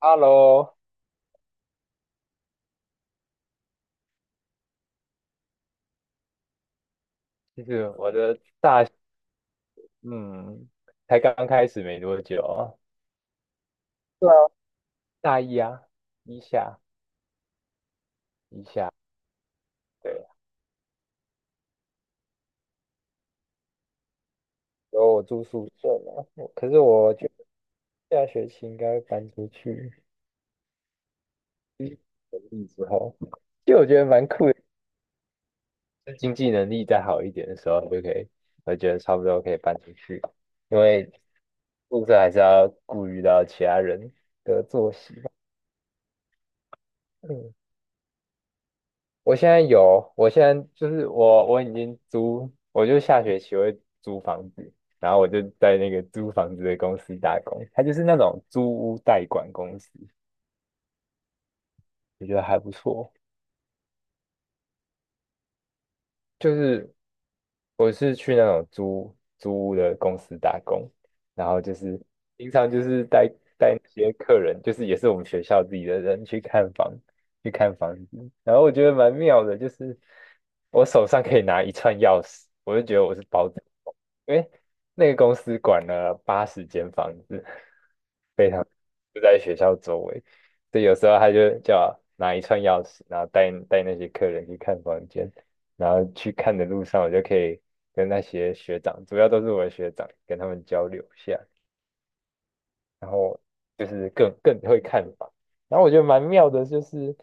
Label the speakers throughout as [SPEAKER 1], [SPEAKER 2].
[SPEAKER 1] Hello，就是我的大，嗯，才刚开始没多久啊。对啊，大一啊，一下一下，对，然后我住宿舍嘛，可是我觉得下学期应该会搬出去，经济能力之后。其实我觉得蛮酷的，就是经济能力再好一点的时候就可以，我觉得差不多可以搬出去，因为宿舍还是要顾虑到其他人的作息吧。嗯。我现在有，我现在就是我已经租，我就下学期会租房子，然后我就在那个租房子的公司打工，它就是那种租屋代管公司，我觉得还不错。就是我是去那种租屋的公司打工，然后就是平常就是带那些客人，就是也是我们学校自己的人去看房，去看房子，然后我觉得蛮妙的，就是我手上可以拿一串钥匙，我就觉得我是包子。因为那个公司管了80间房子，非常就在学校周围，所以有时候他就叫我拿一串钥匙，然后带那些客人去看房间，然后去看的路上，我就可以跟那些学长，主要都是我的学长，跟他们交流一下，然后就是更会看房。然后我觉得蛮妙的，就是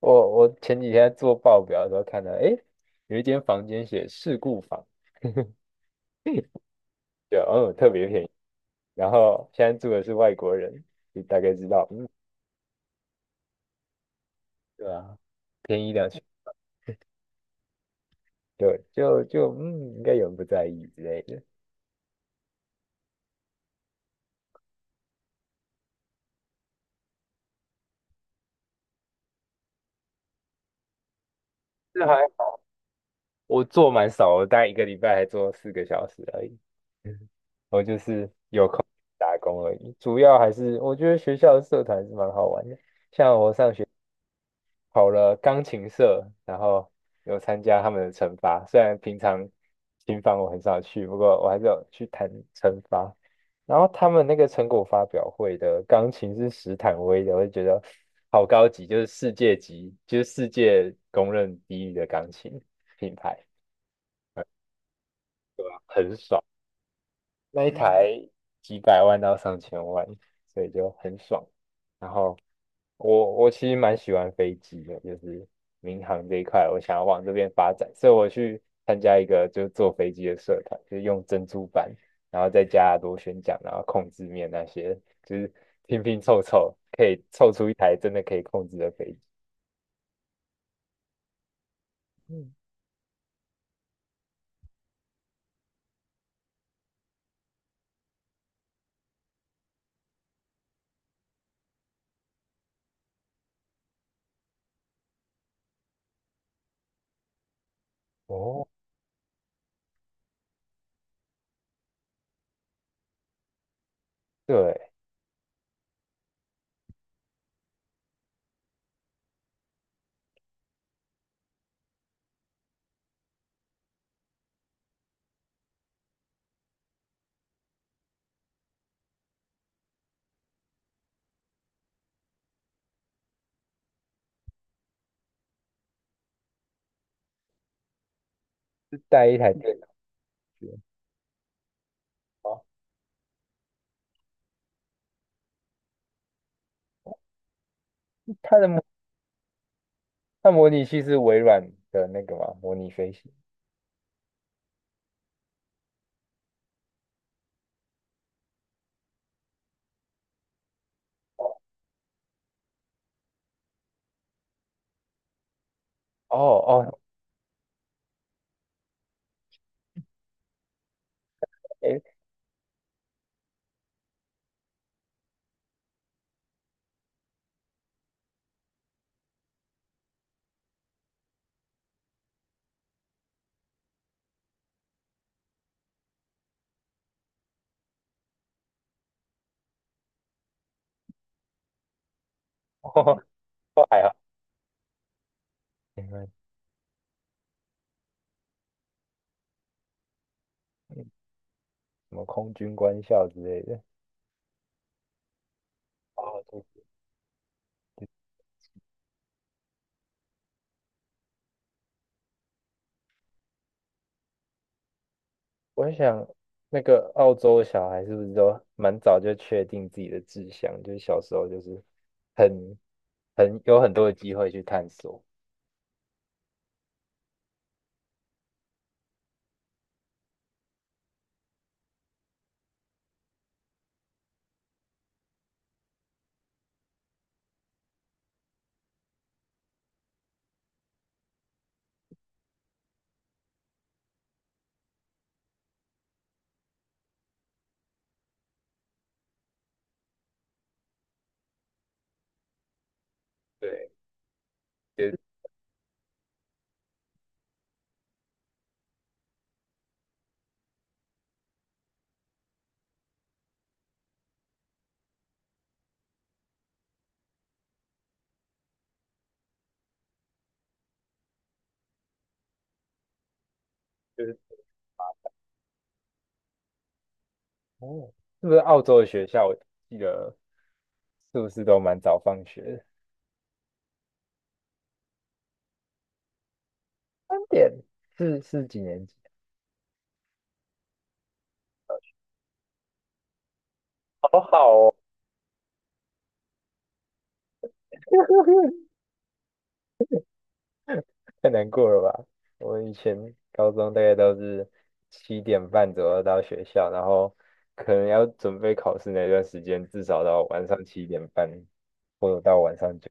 [SPEAKER 1] 我前几天在做报表的时候看到，诶，有一间房间写事故房。对，哦，特别便宜。然后现在住的是外国人，你大概知道，嗯。对啊，便宜2000，对，就就嗯，应该有人不在意之类的。这还我做蛮少的，我大概一个礼拜还做4个小时而已。嗯我就是打工而已，主要还是我觉得学校的社团是蛮好玩的。像我上学。跑了钢琴社，然后有参加他们的惩罚。虽然平常琴房我很少去，不过我还是有去弹惩罚。然后他们那个成果发表会的钢琴是史坦威的，我就觉得好高级，就是世界级，就是世界公认第一的钢琴品牌。那一台几百万到上千万，所以就很爽。然后我其实蛮喜欢飞机的，就是民航这一块，我想要往这边发展，所以我去参加一个就是坐飞机的社团，就是用珍珠板，然后再加螺旋桨，然后控制面那些，就是拼拼凑凑，可以凑出一台真的可以控制的飞机。嗯哦，对，是带一台电脑去。哦它的模它模拟器是微软的那个嘛，模拟飞行。哦哦哎、哦，都还好。你们嗯什么空军官校之类的。哦，对我想，那个澳洲小孩是不是都蛮早就确定自己的志向？就是小时候就是很很有很多的机会去探索。对，就是就是哦，是不是澳洲的学校？我记得是不是都蛮早放学的3点是几年级？好好哦。太难过了吧？我以前高中大概都是七点半左右到学校，然后可能要准备考试那段时间，至少到晚上七点半或者到晚上九，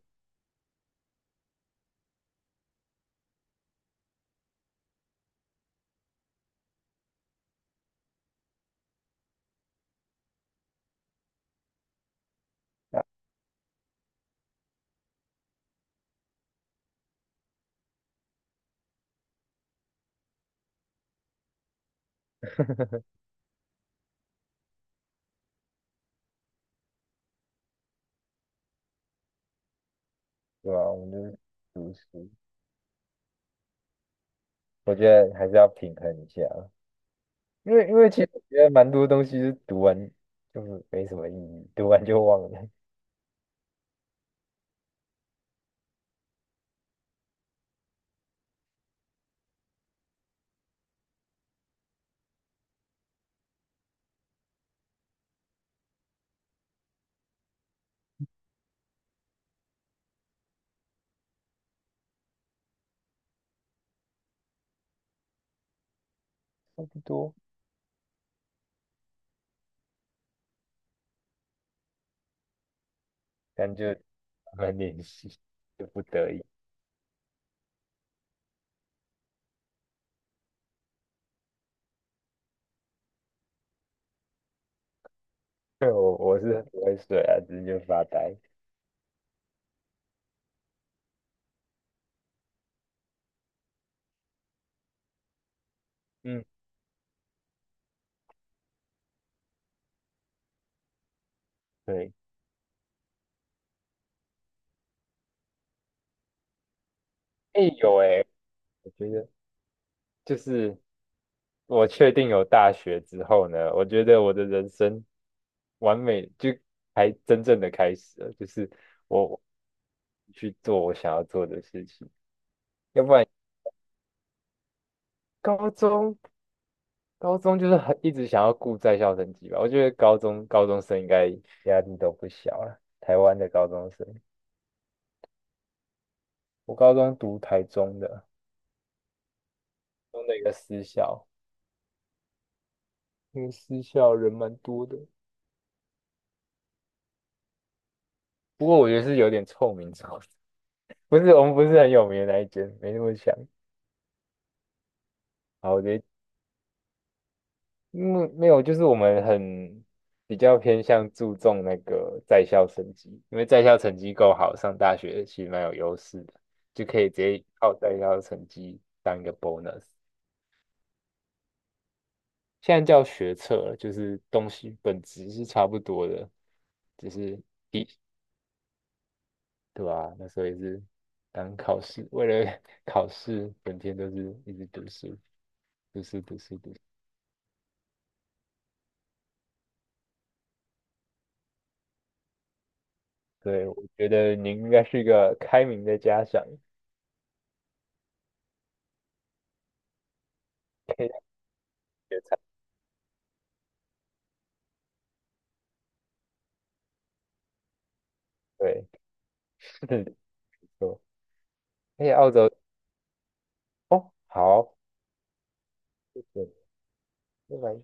[SPEAKER 1] 对吧？我们就是读书。我觉得还是要平衡一下，因为其实我觉得蛮多东西是读完就是没什么意义，读完就忘了，差不多，但就慢慢练习，就不得已。对，我是不会睡啊，只是就发呆。嗯，对。哎、有哎、我觉得就是我确定有大学之后呢，我觉得我的人生完美就才真正的开始了，就是我去做我想要做的事情。要不然高中高中就是很一直想要顾在校成绩吧，我觉得高中生应该压力都不小了。台湾的高中生，我高中读台中的，中的一个私校，那个私校人蛮多的，不过我觉得是有点臭名昭著。不是我们不是很有名的那一间，没那么强。好我觉得，嗯，没有，就是我们很比较偏向注重那个在校成绩，因为在校成绩够好，上大学其实蛮有优势的，就可以直接靠在校成绩当一个 bonus。现在叫学测了，就是东西本质是差不多的，只是一，对吧、那时候也是当考试，为了 考试，整天都是一直读书，读书，读书，读书。对，我觉得您应该是一个开明的家长，可以让学餐对，是的，没错。而且澳洲哦，好，对，拜拜。